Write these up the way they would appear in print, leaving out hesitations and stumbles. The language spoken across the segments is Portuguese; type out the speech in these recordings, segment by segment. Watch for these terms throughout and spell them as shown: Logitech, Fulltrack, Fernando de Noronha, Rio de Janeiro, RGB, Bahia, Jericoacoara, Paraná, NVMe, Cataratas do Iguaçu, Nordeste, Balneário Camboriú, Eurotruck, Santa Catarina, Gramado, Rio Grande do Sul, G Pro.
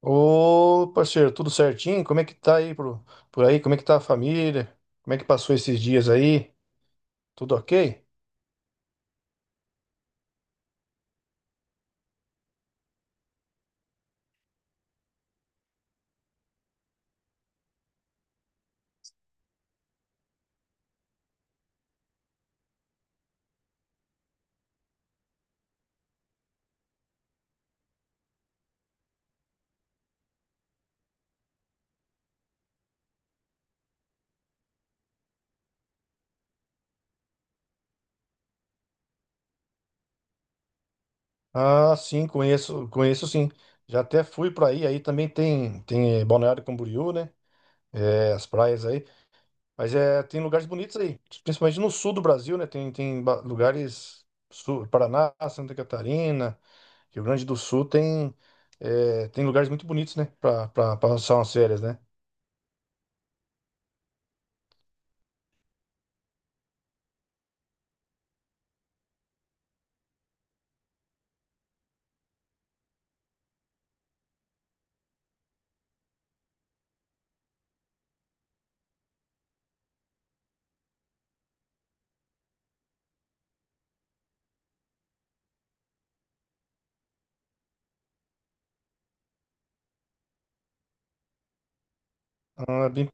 Ô, parceiro, tudo certinho? Como é que tá por aí? Como é que tá a família? Como é que passou esses dias aí? Tudo ok? Ah, sim, conheço, conheço sim. Já até fui pra aí, aí também tem Balneário Camboriú, né? É, as praias aí, mas é tem lugares bonitos aí, principalmente no sul do Brasil, né? Tem lugares sul, Paraná, Santa Catarina, Rio Grande do Sul tem tem lugares muito bonitos, né? Pra pra passar umas férias, né? Ah,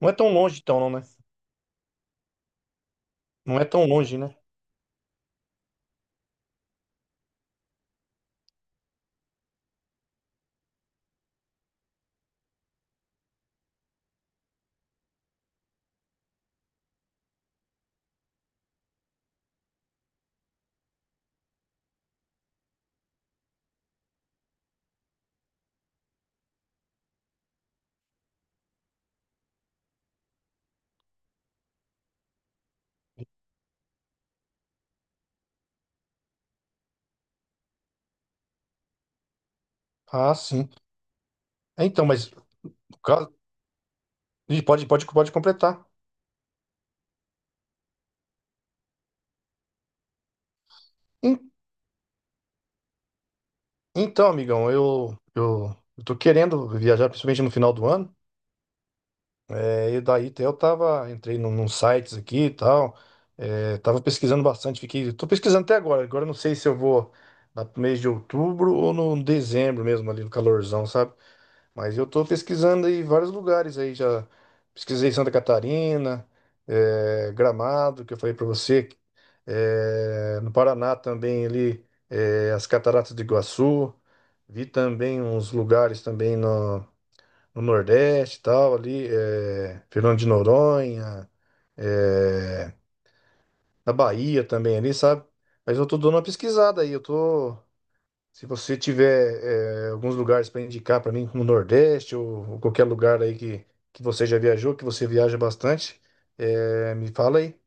não é tão longe então, não, né? Não é tão longe, né? Ah, sim. É. Então, mas no caso- pode, pode, pode completar. En- Então, amigão, eu tô querendo viajar, principalmente no final do ano. É, e daí até eu tava, entrei num sites aqui e tal. É, tava pesquisando bastante, fiquei. Tô pesquisando até agora. Agora eu não sei se eu vou lá pro mês de outubro ou no dezembro mesmo, ali no calorzão, sabe? Mas eu tô pesquisando aí vários lugares aí já. Pesquisei Santa Catarina, Gramado, que eu falei pra você. No Paraná também ali, as Cataratas do Iguaçu. Vi também uns lugares também no Nordeste e tal, ali, Fernando de Noronha, eh, na Bahia também ali, sabe? Mas eu tô dando uma pesquisada aí, eu tô. Se você tiver alguns lugares para indicar para mim, como Nordeste ou qualquer lugar aí que você já viajou, que você viaja bastante, me fala aí.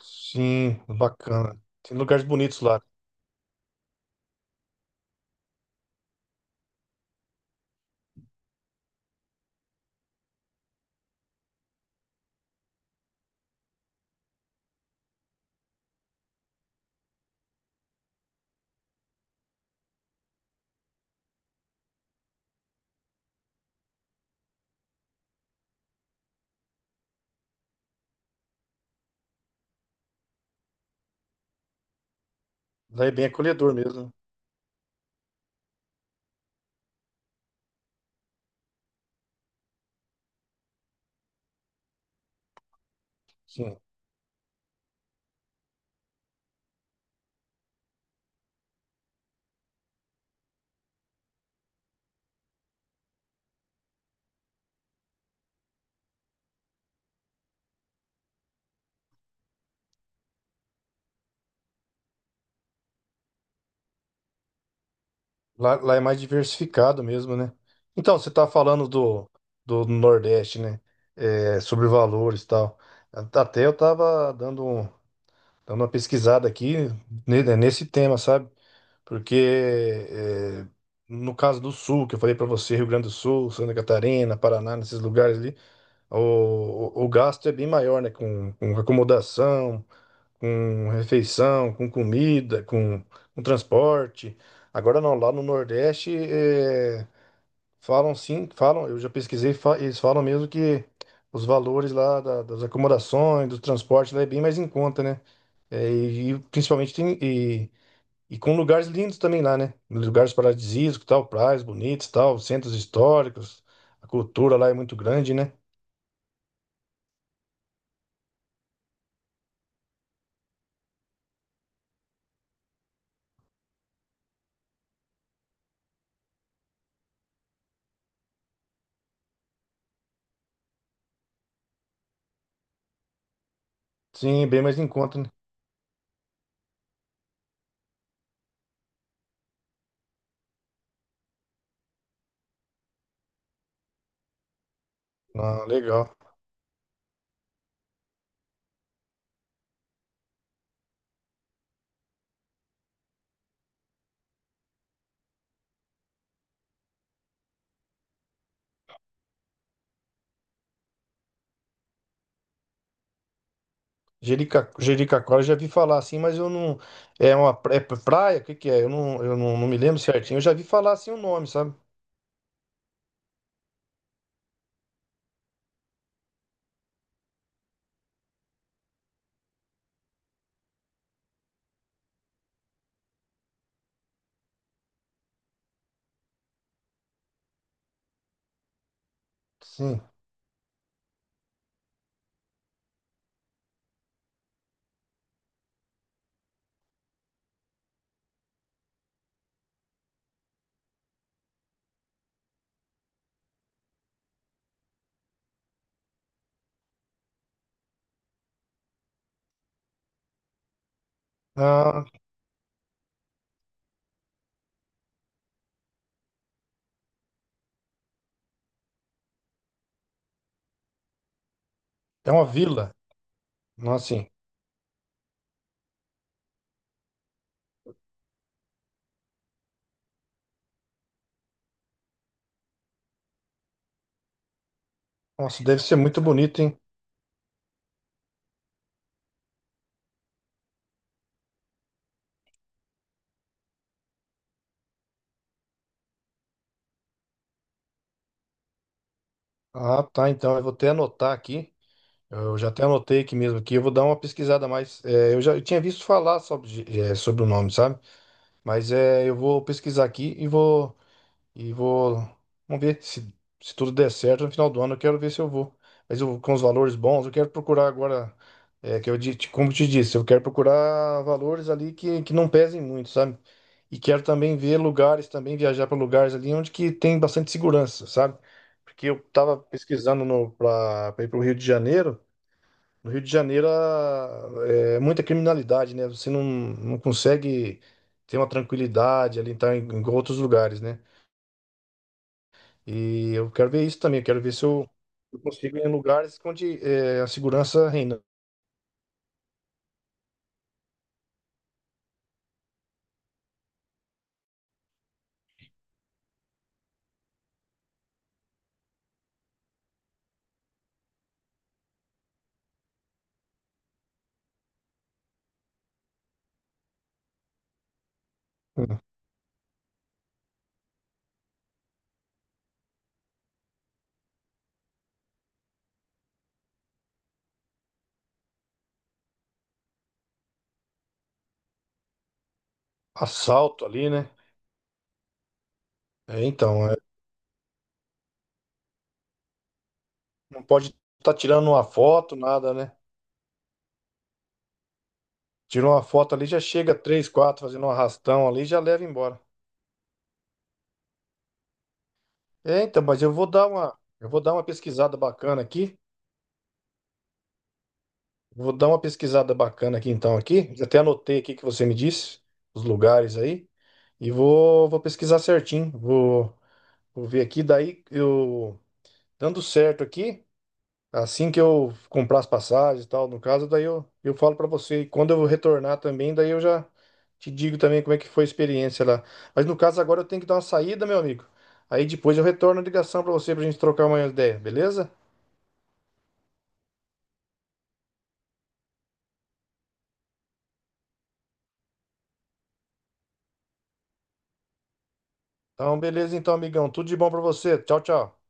Sim, bacana. Tem lugares bonitos lá. Lá é bem acolhedor mesmo, né? Sim. Lá, lá é mais diversificado mesmo, né? Então, você está falando do Nordeste, né? É, sobre valores e tal. Até eu estava dando uma pesquisada aqui nesse tema, sabe? Porque é, no caso do Sul, que eu falei para você, Rio Grande do Sul, Santa Catarina, Paraná, nesses lugares ali, o, o gasto é bem maior, né? Com acomodação, com refeição, com comida, com transporte. Agora não, lá no Nordeste é, falam sim, falam, eu já pesquisei, eles falam mesmo que os valores lá das acomodações, do transporte lá é bem mais em conta, né? E principalmente tem. E com lugares lindos também lá, né? Lugares paradisíacos, tal, praias bonitas, tal, centros históricos. A cultura lá é muito grande, né? Sim, bem mais em conta, né? Ah, legal. Jerica, Jericoacoara eu já vi falar assim, mas eu não. É é praia? O que que é? Eu não, não me lembro certinho. Eu já vi falar assim o nome, sabe? Sim. Ah, é uma vila. Nossa, sim. Nossa, deve ser muito bonito, hein? Ah, tá. Então eu vou até anotar aqui. Eu já até anotei aqui mesmo aqui, eu vou dar uma pesquisada a mais. É, eu já eu tinha visto falar sobre, é, sobre o nome, sabe? Mas é, eu vou pesquisar aqui e vou vamos ver se, se tudo der certo no final do ano. Eu quero ver se eu vou. Mas eu, com os valores bons, eu quero procurar agora, é, como eu te disse, eu quero procurar valores ali que não pesem muito, sabe? E quero também ver lugares, também viajar para lugares ali onde que tem bastante segurança, sabe? Porque eu estava pesquisando no, para ir para o Rio de Janeiro. No Rio de Janeiro é muita criminalidade, né? Você não consegue ter uma tranquilidade ali tá, em, em outros lugares, né? E eu quero ver isso também. Eu quero ver se eu, eu consigo ir em lugares onde é, a segurança reina. Hum. Assalto ali, né? É, então, é, não pode estar tirando uma foto, nada, né? Tirou uma foto ali, já chega três, quatro fazendo um arrastão ali, e já leva embora. É, então, mas eu vou eu vou dar uma pesquisada bacana aqui. Vou dar uma pesquisada bacana aqui então aqui. Até anotei aqui que você me disse os lugares aí e vou, vou pesquisar certinho. Vou, vou ver aqui daí eu dando certo aqui, assim que eu comprar as passagens e tal, no caso, daí eu falo pra você e quando eu retornar também, daí eu já te digo também como é que foi a experiência lá. Mas no caso agora eu tenho que dar uma saída, meu amigo. Aí depois eu retorno a ligação pra você pra gente trocar uma ideia, beleza? Então, beleza então, amigão. Tudo de bom pra você. Tchau, tchau.